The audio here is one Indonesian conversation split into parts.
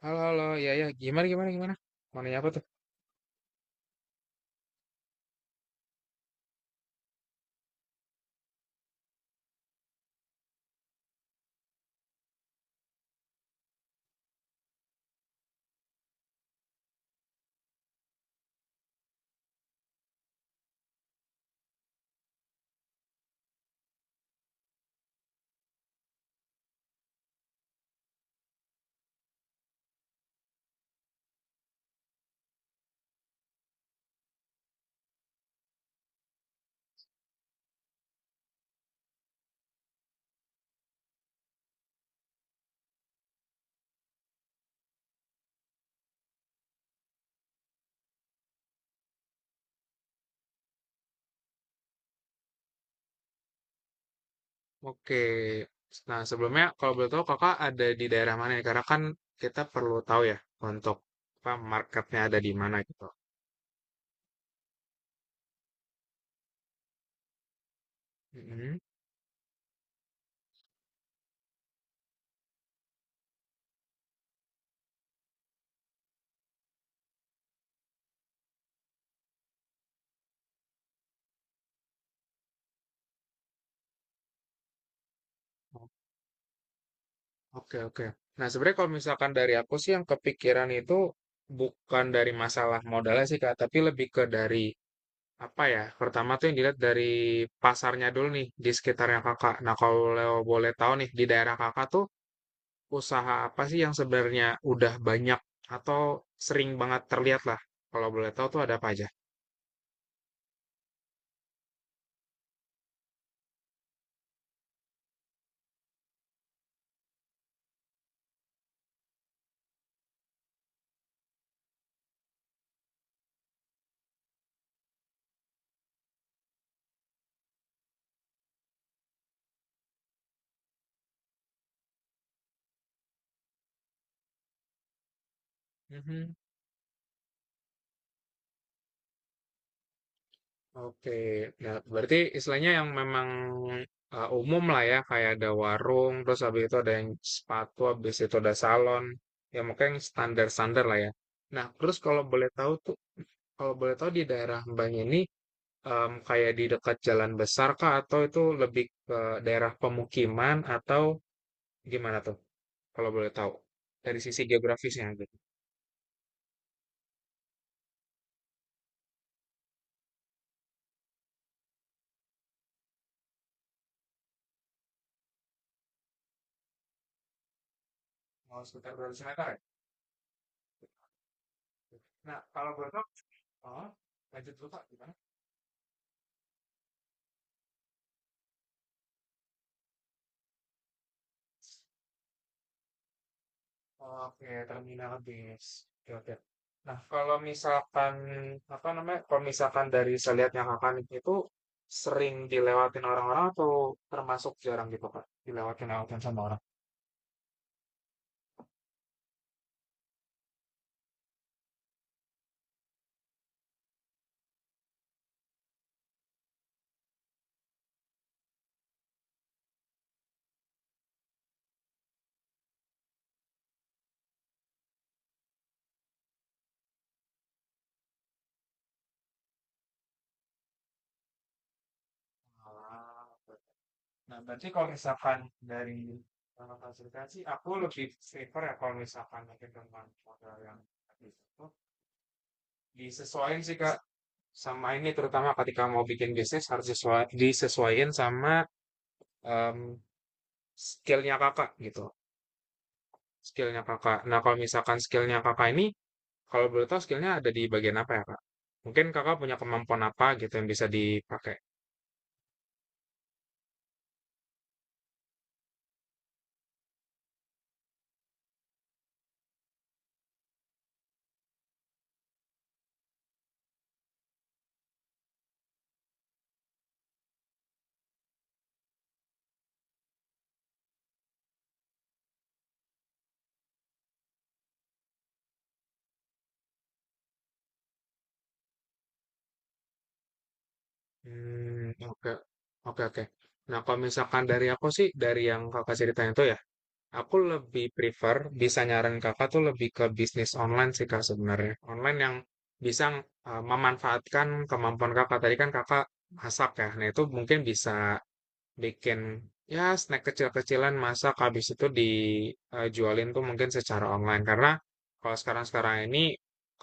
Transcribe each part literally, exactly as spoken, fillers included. Halo, halo. Ya, ya. Gimana, gimana, gimana? Mau nanya apa tuh? Oke. Nah, sebelumnya kalau boleh tahu kakak ada di daerah mana ya? Karena kan kita perlu tahu ya untuk apa marketnya ada di mana gitu. Mhm. Oke, oke. Nah, sebenarnya kalau misalkan dari aku sih yang kepikiran itu bukan dari masalah modalnya sih Kak, tapi lebih ke dari apa ya? Pertama tuh yang dilihat dari pasarnya dulu nih di sekitarnya Kakak. Nah, kalau boleh tahu nih di daerah Kakak tuh usaha apa sih yang sebenarnya udah banyak atau sering banget terlihat lah? Kalau boleh tahu tuh ada apa aja? Mhm. Oke, nah berarti istilahnya yang memang uh, umum lah ya, kayak ada warung, terus habis itu ada yang sepatu, habis itu ada salon, ya makanya yang standar-standar lah ya. Nah, terus kalau boleh tahu tuh, kalau boleh tahu di daerah Mbak ini um, kayak di dekat jalan besar kah atau itu lebih ke daerah pemukiman atau gimana tuh? Kalau boleh tahu dari sisi geografisnya gitu. Oh, sekitar dua ratus meter ya? Nah, kalau boleh tahu, oh, lanjut dulu Pak, gimana? Oke, terminal bis. Oke, oke. Nah, kalau misalkan, apa namanya, kalau misalkan dari saya lihat yang akan itu sering dilewatin orang-orang atau termasuk jarang gitu, Pak? Dilewatin-lewatin sama orang. Ah, oke. Nah, berarti kalau misalkan dari eh, fasilitasi, aku lebih prefer ya kalau misalkan mungkin dengan modal yang habis itu, disesuaikan sih Kak sama ini terutama ketika mau bikin bisnis harus disesua- disesuaiin sama em, skillnya Kakak gitu. Skillnya Kakak. Nah kalau misalkan skillnya Kakak ini kalau boleh tahu skillnya ada di bagian apa ya Kak? Mungkin Kakak punya kemampuan apa gitu yang bisa dipakai? Hmm, oke, oke, oke. Nah, kalau misalkan dari aku sih, dari yang kakak ceritain itu ya, aku lebih prefer, bisa nyaran kakak tuh lebih ke bisnis online sih kak sebenarnya. Online yang bisa uh, memanfaatkan kemampuan kakak. Tadi kan kakak masak ya, nah itu mungkin bisa bikin ya snack kecil-kecilan masak, habis itu dijualin tuh mungkin secara online. Karena kalau sekarang-sekarang ini,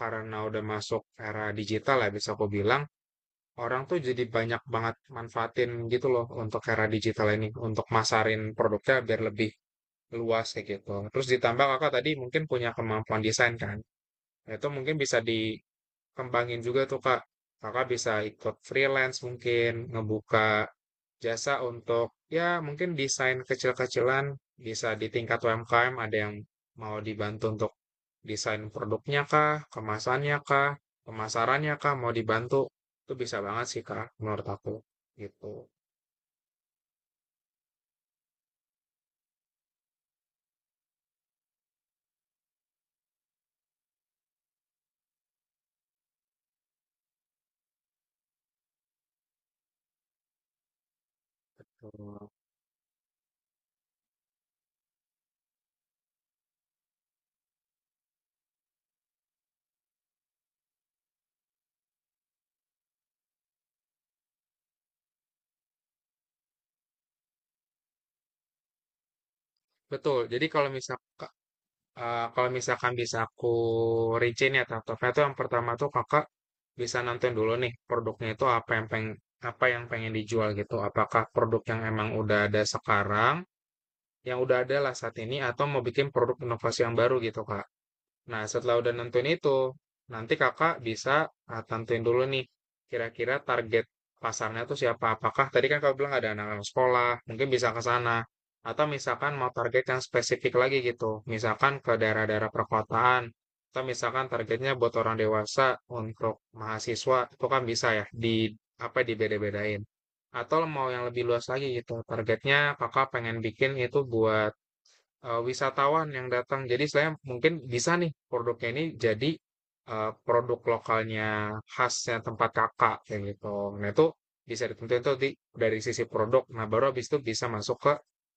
karena udah masuk era digital ya, bisa aku bilang, orang tuh jadi banyak banget manfaatin gitu loh untuk era digital ini, untuk masarin produknya biar lebih luas kayak gitu. Terus ditambah kakak tadi mungkin punya kemampuan desain kan. Nah, itu mungkin bisa dikembangin juga tuh kak. Kakak bisa ikut freelance mungkin, ngebuka jasa untuk ya mungkin desain kecil-kecilan bisa di tingkat U M K M ada yang mau dibantu untuk desain produknya kah, kemasannya kah, pemasarannya kah, mau dibantu. Itu bisa banget sih kak menurut aku gitu. Betul. Jadi kalau misal eh, kalau misalkan bisa aku rincin ya tahap-tahapnya tuh yang pertama tuh kakak bisa nonton dulu nih produknya itu apa yang pengen apa yang pengen dijual gitu. Apakah produk yang emang udah ada sekarang, yang udah ada lah saat ini, atau mau bikin produk inovasi yang baru gitu kak. Nah, setelah udah nentuin itu, nanti kakak bisa ah, tentuin dulu nih, kira-kira target pasarnya tuh siapa. Apakah tadi kan kakak bilang ada anak-anak sekolah, mungkin bisa ke sana. Atau misalkan mau target yang spesifik lagi gitu, misalkan ke daerah-daerah perkotaan, atau misalkan targetnya buat orang dewasa untuk mahasiswa, itu kan bisa ya, di apa dibeda-bedain. Atau mau yang lebih luas lagi gitu, targetnya kakak pengen bikin itu buat eh, wisatawan yang datang. Jadi saya mungkin bisa nih produknya ini jadi eh, produk lokalnya khasnya tempat kakak kayak gitu. Nah itu bisa ditentuin tuh di, dari sisi produk. Nah baru habis itu bisa masuk ke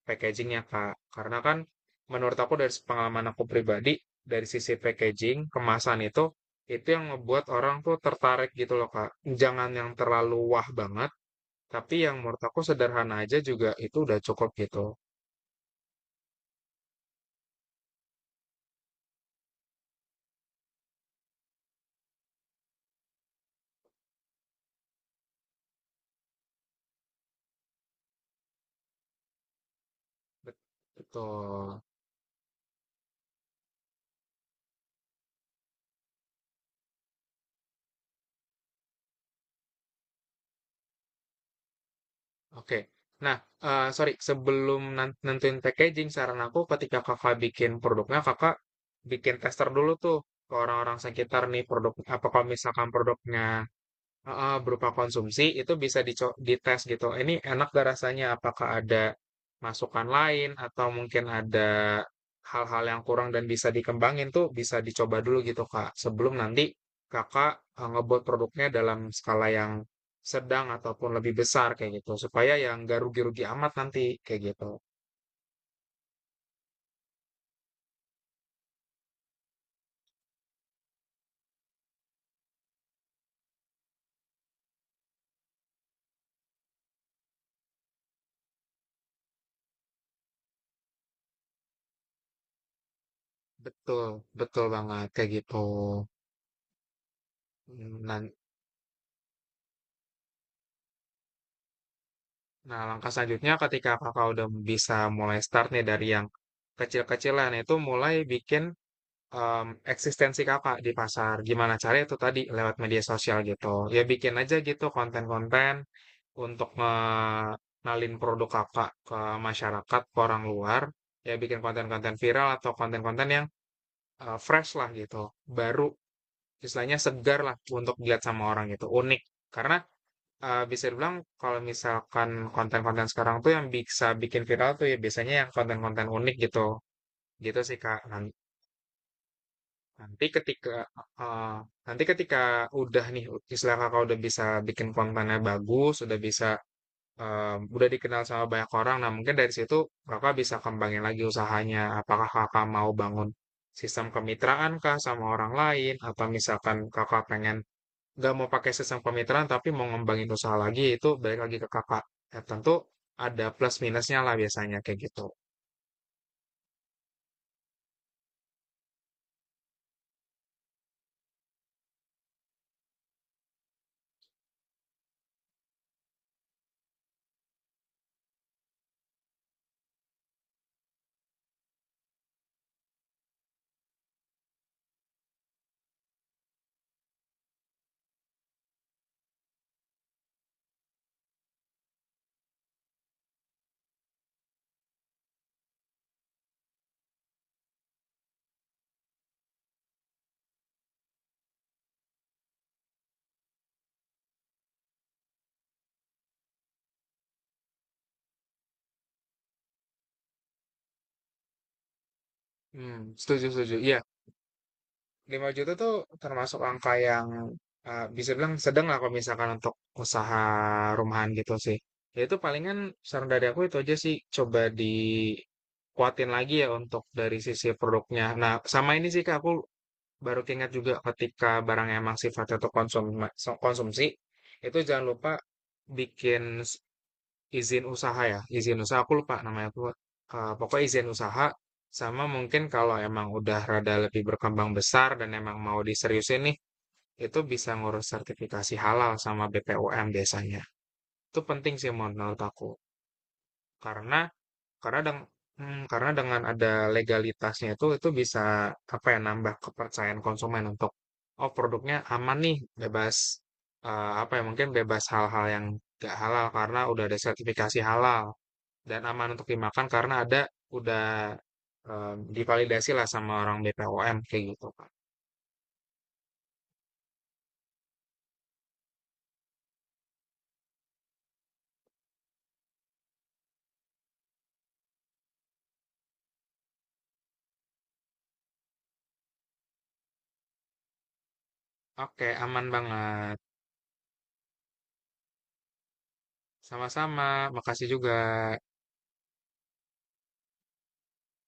packagingnya kak. Karena kan menurut aku dari pengalaman aku pribadi dari sisi packaging kemasan itu itu yang ngebuat orang tuh tertarik gitu loh kak. Jangan yang terlalu wah banget, tapi yang menurut aku sederhana aja juga itu udah cukup gitu. Bet- Betul. Oke. Nah, eee, sori, sebelum nan nentuin packaging, saran aku ketika Kakak bikin produknya, Kakak bikin tester dulu tuh, ke orang-orang sekitar nih produk apa kalau misalkan produknya heeh, berupa konsumsi itu bisa dico- dites gitu. Ini enak gak rasanya? Apakah ada masukan lain atau mungkin ada hal-hal yang kurang dan bisa dikembangin tuh bisa dicoba dulu gitu Kak. Sebelum nanti Kakak eh, ngebuat produknya dalam skala yang sedang ataupun lebih besar kayak gitu. Supaya yang gak rugi-rugi amat nanti kayak gitu. Betul, betul banget kayak gitu. Hmm, nah, nah, langkah selanjutnya ketika kakak udah bisa mulai start nih dari yang kecil-kecilan itu mulai bikin em, eksistensi kakak di pasar. Gimana caranya itu tadi lewat media sosial gitu. Ya bikin aja gitu konten-konten untuk nalin produk kakak ke masyarakat, ke orang luar. Ya bikin konten-konten viral atau konten-konten yang eh, fresh lah gitu. Baru istilahnya segar lah untuk dilihat sama orang gitu. Unik. Karena Eee, bisa dibilang kalau misalkan konten-konten sekarang tuh yang bisa bikin viral tuh ya biasanya yang konten-konten unik gitu, gitu sih Kak. Nan nanti ketika heeh, nanti ketika udah nih istilah Kakak udah bisa bikin kontennya bagus, udah bisa, eee, udah dikenal sama banyak orang, nah mungkin dari situ Kakak bisa kembangin lagi usahanya. Apakah Kakak mau bangun sistem kemitraankah sama orang lain atau misalkan Kakak pengen nggak mau pakai sistem kemitraan tapi mau ngembangin usaha lagi itu balik lagi ke kakak. Ya, tentu ada plus minusnya lah biasanya kayak gitu. Hmm, setuju setuju. Iya, lima juta tuh termasuk angka yang eh, bisa bilang sedang lah kalau misalkan untuk usaha rumahan gitu sih. Ya itu palingan saran dari aku itu aja sih coba dikuatin lagi ya untuk dari sisi produknya. Nah, sama ini sih Kak, aku baru keingat juga ketika barang emang sifatnya tuh konsum konsumsi, itu jangan lupa bikin s- izin usaha ya. Izin usaha aku lupa namanya tuh. Eh, pokoknya izin usaha sama mungkin kalau emang udah rada lebih berkembang besar dan emang mau diseriusin nih, itu bisa ngurus sertifikasi halal sama B P O M biasanya. Itu penting sih menurut aku. Karena karena deng mmm, karena dengan ada legalitasnya itu itu bisa, apa ya, nambah kepercayaan konsumen untuk, "Oh, produknya aman nih, bebas, eee, apa ya, mungkin bebas hal-hal yang gak halal karena udah ada sertifikasi halal dan aman untuk dimakan karena ada udah, eh, divalidasi lah sama orang B P O M," kayak gitu, pak. Oke, aman banget. Sama-sama, makasih juga.